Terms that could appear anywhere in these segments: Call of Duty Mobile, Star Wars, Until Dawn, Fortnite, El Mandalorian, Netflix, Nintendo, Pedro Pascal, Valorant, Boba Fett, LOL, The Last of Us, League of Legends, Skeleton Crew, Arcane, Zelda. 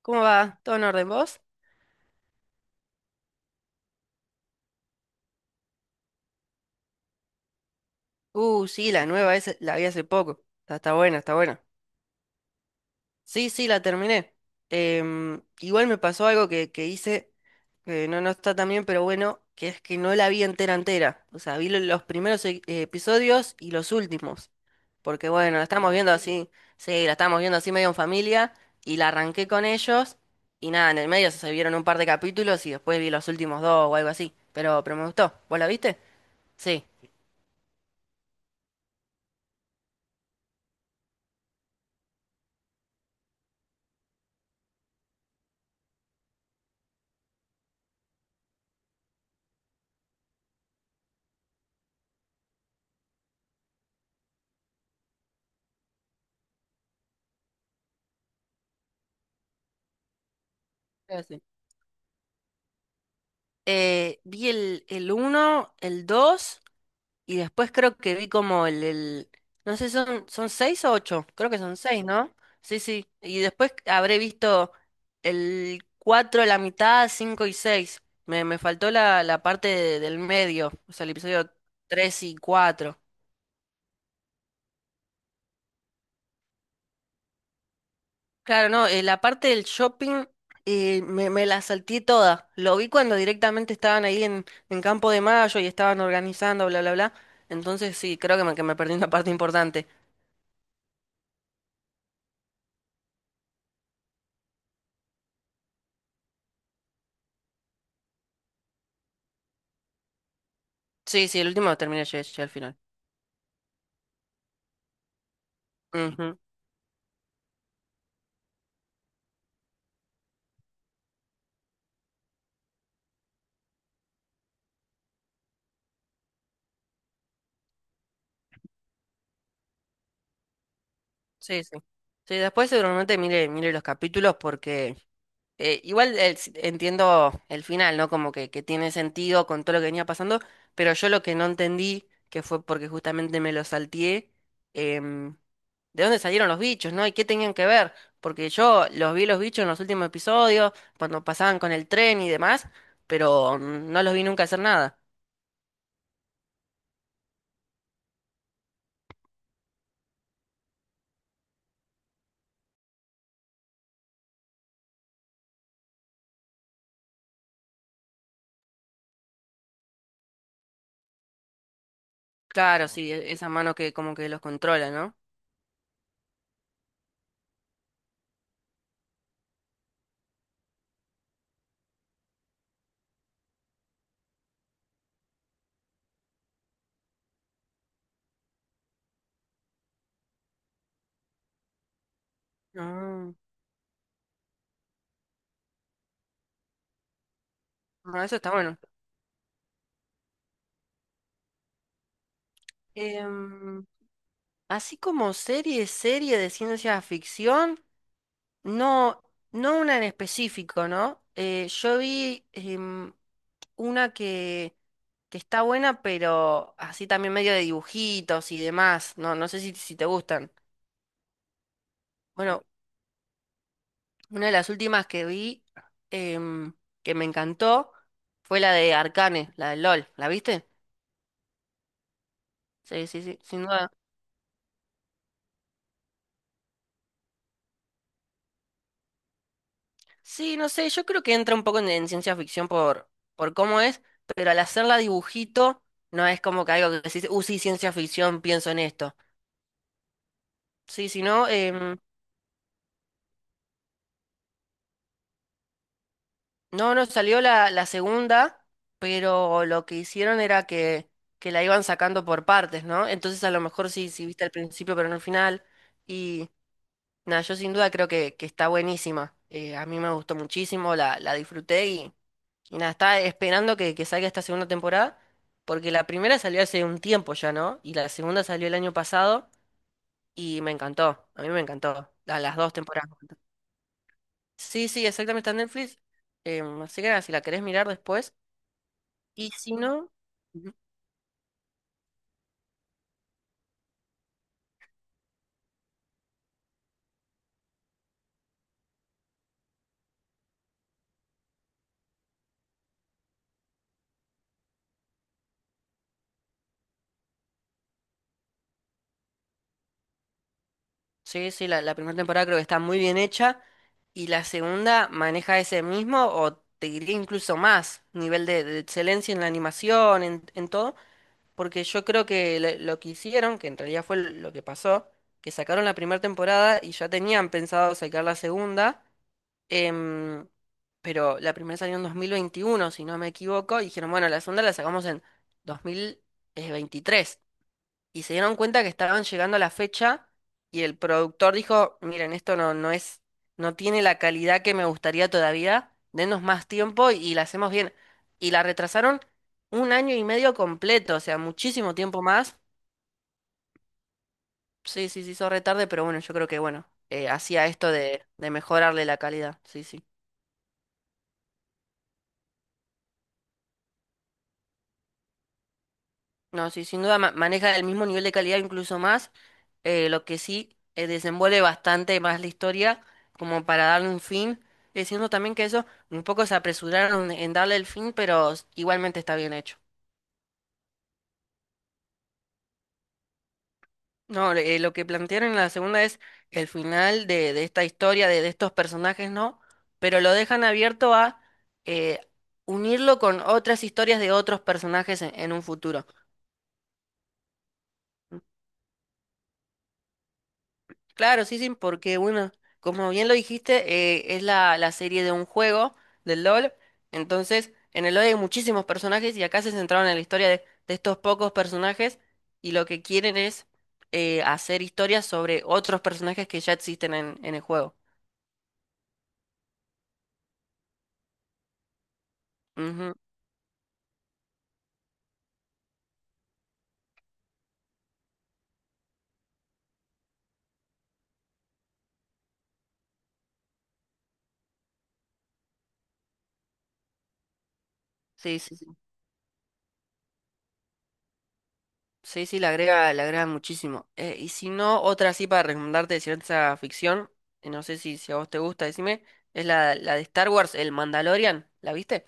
¿Cómo va? ¿Todo en orden vos? Sí, la nueva esa la vi hace poco. Está buena, está buena. Sí, sí, la terminé. Igual me pasó algo que hice, que no, no está tan bien, pero bueno, que es que no la vi entera entera. O sea, vi los primeros episodios y los últimos. Porque bueno, la estamos viendo así, sí, la estamos viendo así medio en familia y la arranqué con ellos y nada, en el medio se vieron un par de capítulos y después vi los últimos dos o algo así. Pero me gustó. ¿Vos la viste? Sí. Sí, sí. Vi el uno el 2 y después creo que vi como no sé, son 6 o ocho, creo que son seis, ¿no? Sí, sí, y después habré visto el 4, la mitad, 5 y seis. Me faltó la parte del medio, o sea, el episodio 3 y cuatro. Claro, no, la parte del shopping, me la salté toda. Lo vi cuando directamente estaban ahí en Campo de Mayo y estaban organizando, bla, bla, bla. Entonces sí, creo que me perdí una parte importante. Sí, sí, el último lo terminé yo, yo al final. Ujú. Sí, sí. Sí, después seguramente mire, mire los capítulos porque igual el entiendo el final, ¿no? Como que tiene sentido con todo lo que venía pasando, pero yo lo que no entendí, que fue porque justamente me lo salteé, em, ¿de dónde salieron los bichos, no? ¿Y qué tenían que ver? Porque yo los vi, los bichos, en los últimos episodios, cuando pasaban con el tren y demás, pero no los vi nunca hacer nada. Claro, sí, esa mano que como que los controla, ¿no? Ah, no, eso está bueno. Em, Así como serie de ciencia ficción. No, no una en específico, ¿no? Yo vi, una que está buena, pero así también medio de dibujitos y demás. No, no sé si te gustan. Bueno, una de las últimas que vi, em, que me encantó, fue la de Arcane, la de LOL. ¿La viste? Sí, sí, sí, sin duda. Sí, no sé, yo creo que entra un poco en, ciencia ficción por cómo es, pero al hacerla dibujito no es como que algo que decís, sí, ciencia ficción, pienso en esto. Sí, si no, no, no salió la, la segunda, pero lo que hicieron era que la iban sacando por partes, ¿no? Entonces a lo mejor sí, sí viste al principio, pero no al final. Y nada, yo sin duda creo que está buenísima. A mí me gustó muchísimo, la disfruté, y nada, estaba esperando que salga esta segunda temporada, porque la primera salió hace un tiempo ya, ¿no? Y la segunda salió el año pasado y me encantó, a mí me encantó, las dos temporadas. Sí, sí, exactamente, está en Netflix. Así que nada, si la querés mirar después. Y si no. Ujú. Sí, sí, la primera temporada creo que está muy bien hecha. Y la segunda maneja ese mismo, o te diría incluso más, nivel de excelencia en la animación, en todo. Porque yo creo que lo que hicieron, que en realidad fue lo que pasó, que sacaron la primera temporada y ya tenían pensado sacar la segunda. Em, pero la primera salió en 2021, si no me equivoco, y dijeron, bueno, la segunda la sacamos en 2023. Y se dieron cuenta que estaban llegando a la fecha y el productor dijo, miren, esto no, no es, no tiene la calidad que me gustaría todavía, denos más tiempo y la hacemos bien. Y la retrasaron un año y medio completo, o sea, muchísimo tiempo más. Sí, sí, sí, hizo retarde, pero bueno, yo creo que bueno, hacía esto de mejorarle la calidad, sí, sí. No, sí, sin duda maneja el mismo nivel de calidad, incluso más, lo que sí, desenvuelve bastante más la historia como para darle un fin, diciendo también que eso un poco se apresuraron en darle el fin, pero igualmente está bien hecho. No, lo que plantearon en la segunda es el final de esta historia, de estos personajes, ¿no? Pero lo dejan abierto a, eh, unirlo con otras historias de otros personajes en un futuro. Claro, sí, sí, porque bueno, como bien lo dijiste, es la, la serie de un juego, del LOL. Entonces, en el LOL hay muchísimos personajes y acá se centraron en la historia de estos pocos personajes y lo que quieren es, hacer historias sobre otros personajes que ya existen en el juego. Ujú. Sí, sí, sí. Sí, sí, le agrega muchísimo. Y si no, otra así para recomendarte de ciencia ficción, no sé si a vos te gusta, decime, es la, la de Star Wars, El Mandalorian. ¿La viste?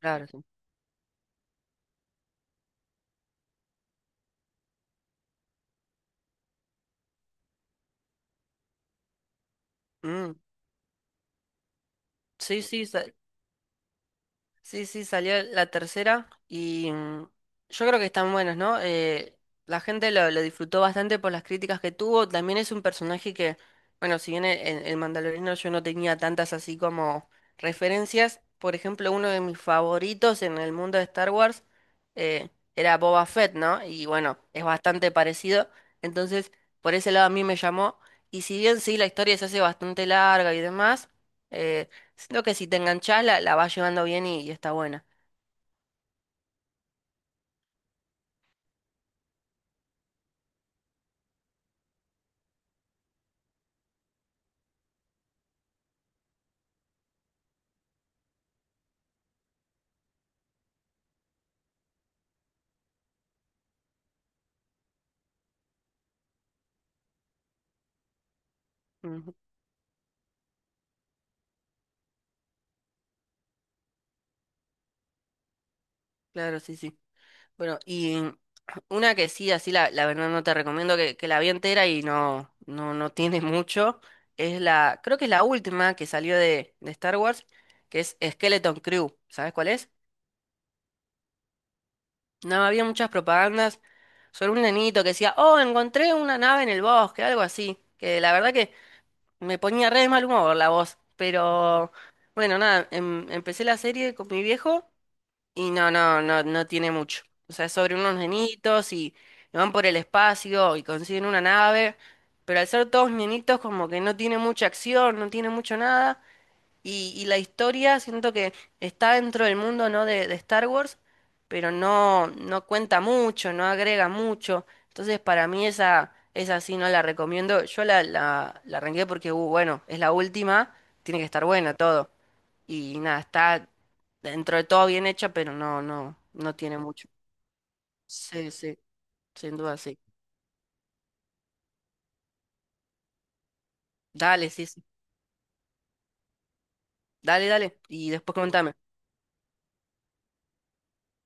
Claro, sí. Mm. Sí, sí, sí, sí, salió la tercera, y yo creo que están buenos, ¿no? La gente lo disfrutó bastante por las críticas que tuvo. También es un personaje que, bueno, si bien en el Mandaloriano yo no tenía tantas así como referencias, por ejemplo, uno de mis favoritos en el mundo de Star Wars, eh, era Boba Fett, ¿no? Y bueno, es bastante parecido. Entonces, por ese lado a mí me llamó. Y si bien sí, la historia se hace bastante larga y demás. eh, Siento que si te enganchás, la vas llevando bien y está buena. Ujú. Claro, sí, sí. Bueno, y una que sí, así la, la verdad no te recomiendo, que la vi entera y no, no, no tiene mucho, es la, creo que es la última que salió de Star Wars, que es Skeleton Crew. ¿Sabes cuál es? No, había muchas propagandas sobre un nenito que decía, oh, encontré una nave en el bosque, algo así. Que la verdad que me ponía re de mal humor la voz. Pero bueno, nada, empecé la serie con mi viejo. Y no, no, no, no tiene mucho. O sea, es sobre unos nenitos, y van por el espacio y consiguen una nave, pero al ser todos nenitos como que no tiene mucha acción, no tiene mucho nada. Y la historia siento que está dentro del mundo, ¿no?, de Star Wars, pero no, no cuenta mucho, no agrega mucho. Entonces para mí esa, esa sí no la recomiendo. Yo la, la arranqué porque, bueno, es la última, tiene que estar buena, todo. Y nada, está dentro de todo bien hecha, pero no, no, no tiene mucho. Sí, sí, sin duda, sí. Dale, sí, sí. Dale, dale. Y después contame.